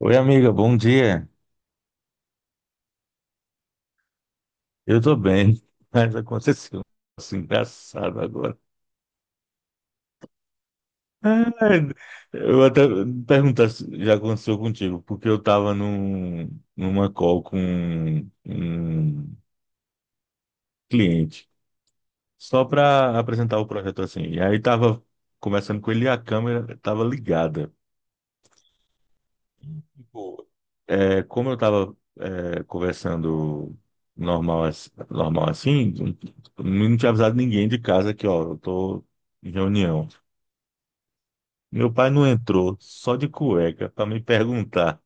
Oi, amiga, bom dia. Eu tô bem, mas aconteceu um negócio engraçado agora. Ai, eu até perguntar se já aconteceu contigo, porque eu tava numa call com um cliente, só para apresentar o projeto assim. E aí tava conversando com ele e a câmera tava ligada. Pô, é, como eu tava conversando normal, normal assim, não tinha avisado ninguém de casa que, ó, eu tô em reunião. Meu pai não entrou, só de cueca, para me perguntar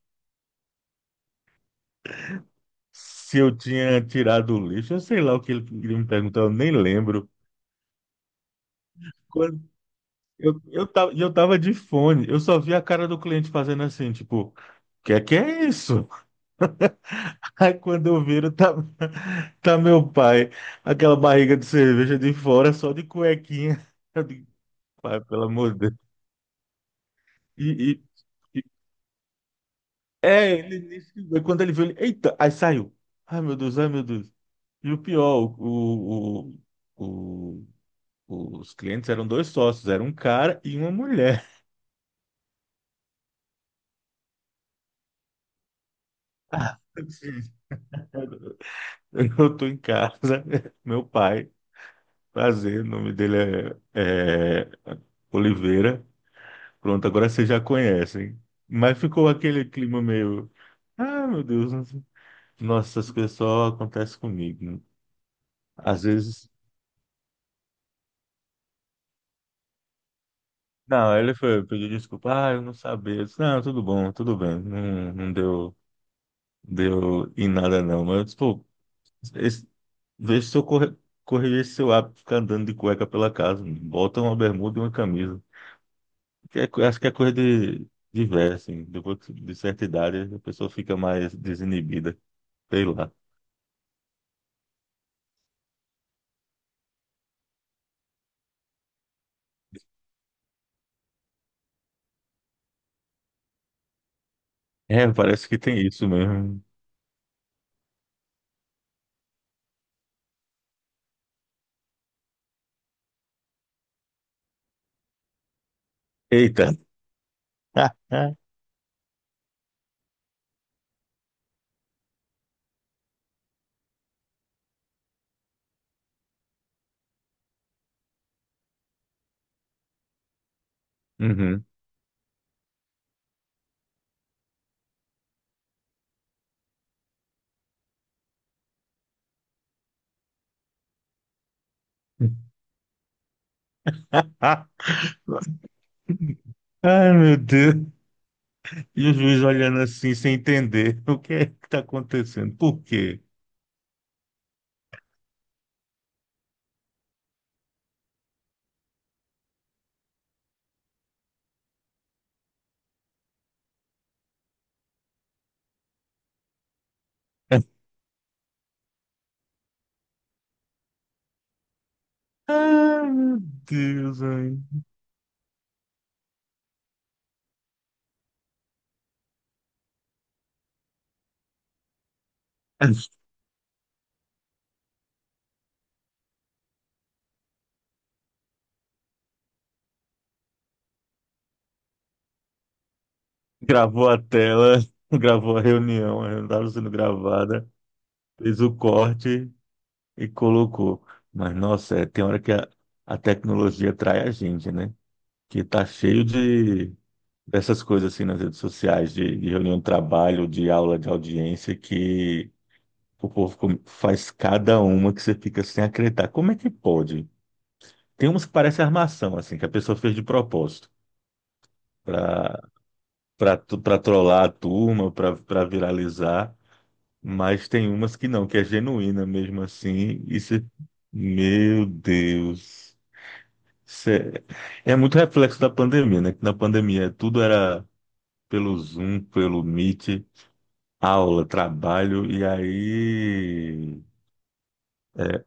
se eu tinha tirado o lixo. Eu sei lá o que ele queria me perguntar, eu nem lembro. Quando eu tava de fone, eu só vi a cara do cliente fazendo assim, tipo, que é isso? Aí quando eu viro, tá, tá meu pai, aquela barriga de cerveja de fora, só de cuequinha. Eu digo, pai, pelo amor de Deus. E, e- e- ele nem ligou. Quando ele viu, ele, eita, aí saiu. Ai, meu Deus, ai, meu Deus. E o pior, o, os clientes eram dois sócios, era um cara e uma mulher. Assim, eu tô em casa, meu pai, prazer, o nome dele é Oliveira. Pronto, agora vocês já conhecem. Mas ficou aquele clima meio, ah, meu Deus, nossa, essas coisas só acontecem comigo, né? Às vezes, não, ele foi pedir desculpa, ah, eu não sabia. Eu disse, não, tudo bom, tudo bem, não, não deu em nada não. Mas, pô, Esse- vê se eu corrigir esse seu hábito de ficar andando de cueca pela casa, mano. Bota uma bermuda e uma camisa. Que é acho que é coisa de velho, assim. Depois de certa idade, a pessoa fica mais desinibida. Sei lá. É, parece que tem isso mesmo. Eita. Uhum. Ah, ai, meu Deus. E o juiz olhando assim, sem entender o que é que tá acontecendo. Por quê? Ai, meu Deus, ai. Gravou a tela, gravou a reunião estava sendo gravada, fez o corte e colocou. Mas, nossa, é, tem hora que a tecnologia trai a gente, né? Que tá cheio de dessas coisas assim nas redes sociais, de reunião de trabalho, de aula de audiência, que o povo faz cada uma que você fica sem acreditar. Como é que pode? Tem umas que parece armação, assim, que a pessoa fez de propósito. Para para trollar a turma, para viralizar. Mas tem umas que não, que é genuína mesmo assim. Isso, meu Deus. Isso é muito reflexo da pandemia, né? Que na pandemia tudo era pelo Zoom, pelo Meet, aula, trabalho, e aí. É,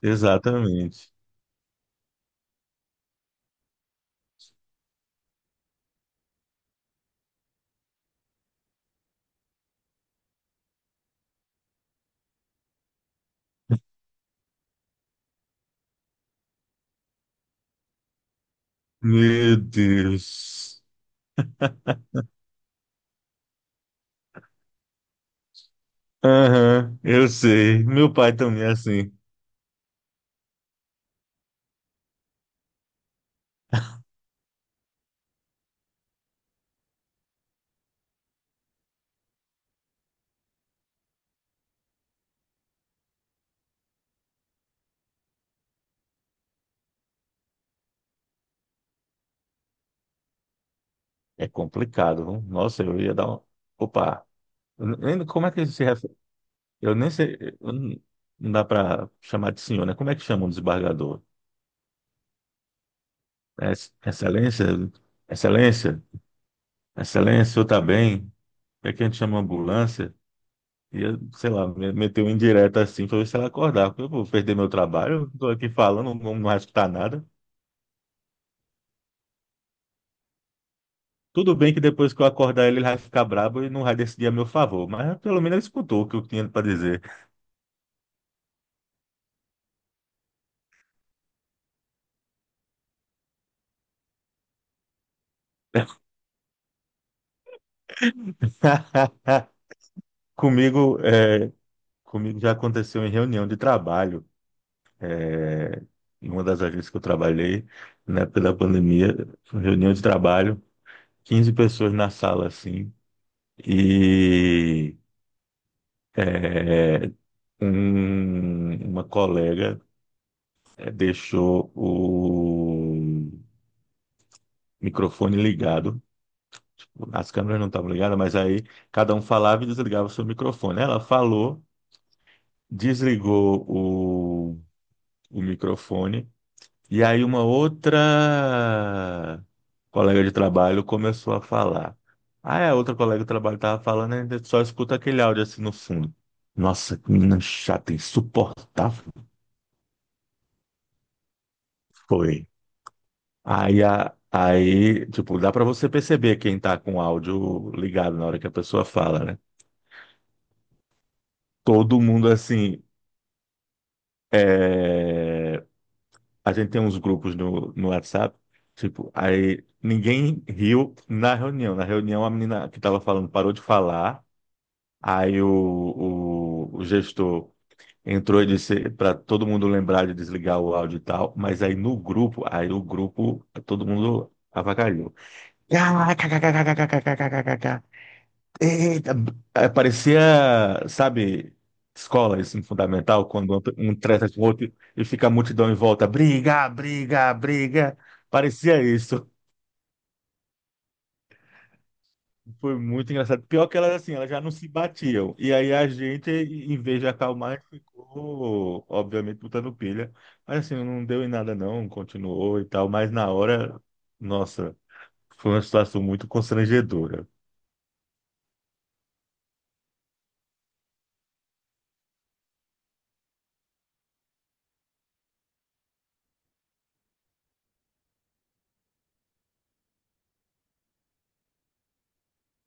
exatamente. Meu Deus. Aham, eu sei. Meu pai também é assim. É complicado, não? Nossa, eu ia dar uma. Opa, como é que ele se. Eu nem sei, eu não. Não dá para chamar de senhor, né? Como é que chama um desembargador? É excelência? Excelência? Excelência, o senhor tá bem? É que a gente chama ambulância? E eu, sei lá, meteu um indireto assim para ver se ela acordava. Eu vou perder meu trabalho, eu tô aqui falando, não, não vai escutar nada. Tudo bem que depois que eu acordar ele, ele vai ficar brabo e não vai decidir a meu favor, mas pelo menos ele escutou o que eu tinha para dizer. Comigo, é, comigo já aconteceu em reunião de trabalho. É, em uma das agências que eu trabalhei, na época da pandemia, foi reunião de trabalho, 15 pessoas na sala, assim, e é, uma colega deixou o microfone ligado, as câmeras não estavam ligadas, mas aí cada um falava e desligava o seu microfone. Ela falou, desligou o microfone. E aí uma outra colega de trabalho começou a falar. Ah, é, a outra colega de trabalho estava falando, a gente só escuta aquele áudio assim no fundo. Nossa, que menina chata, insuportável foi. Aí, tipo, dá para você perceber quem tá com o áudio ligado na hora que a pessoa fala, né? Todo mundo assim, é, a gente tem uns grupos no WhatsApp, tipo, aí ninguém riu na reunião. Na reunião, a menina que estava falando parou de falar, aí o gestor entrou e disse para todo mundo lembrar de desligar o áudio e tal, mas aí no grupo, aí o grupo, todo mundo avacalhou. Eita, parecia, sabe, escola, ensino fundamental, quando um treta com o outro e fica a multidão em volta, briga, briga, briga. Parecia isso. Foi muito engraçado. Pior que elas, assim, elas já não se batiam. E aí a gente, em vez de acalmar, a gente ficou, obviamente, botando pilha. Mas, assim, não deu em nada, não. Continuou e tal. Mas na hora, nossa, foi uma situação muito constrangedora.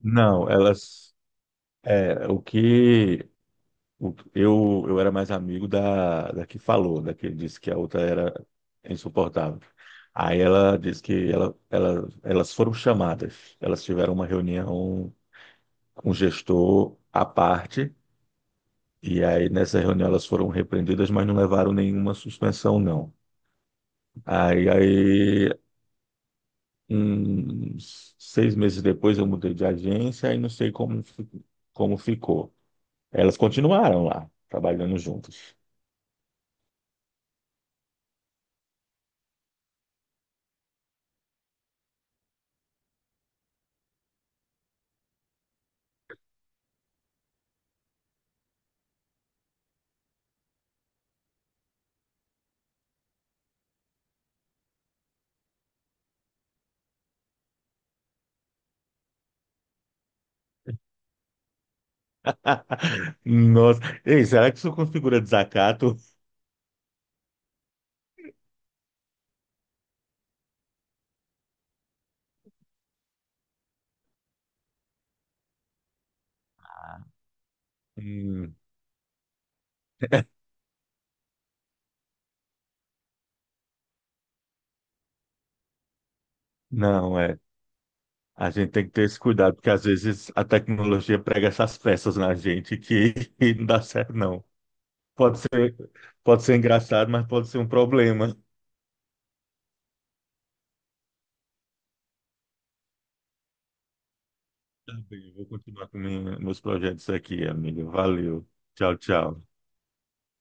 Não, elas. É, o que eu era mais amigo da que falou, da que disse que a outra era insuportável. Aí ela disse que elas foram chamadas, elas tiveram uma reunião com o gestor à parte, e aí nessa reunião elas foram repreendidas, mas não levaram nenhuma suspensão, não. Aí uns 6 meses depois eu mudei de agência e não sei como, como ficou. Elas continuaram lá, trabalhando juntas. Nossa. Ei, será que isso configura desacato? Ah, hum, não, é. A gente tem que ter esse cuidado, porque às vezes a tecnologia prega essas peças na gente que que não dá certo, não. Pode ser, pode ser engraçado, mas pode ser um problema. Tá bem, eu vou continuar com meus projetos aqui, amigo. Valeu. Tchau, tchau.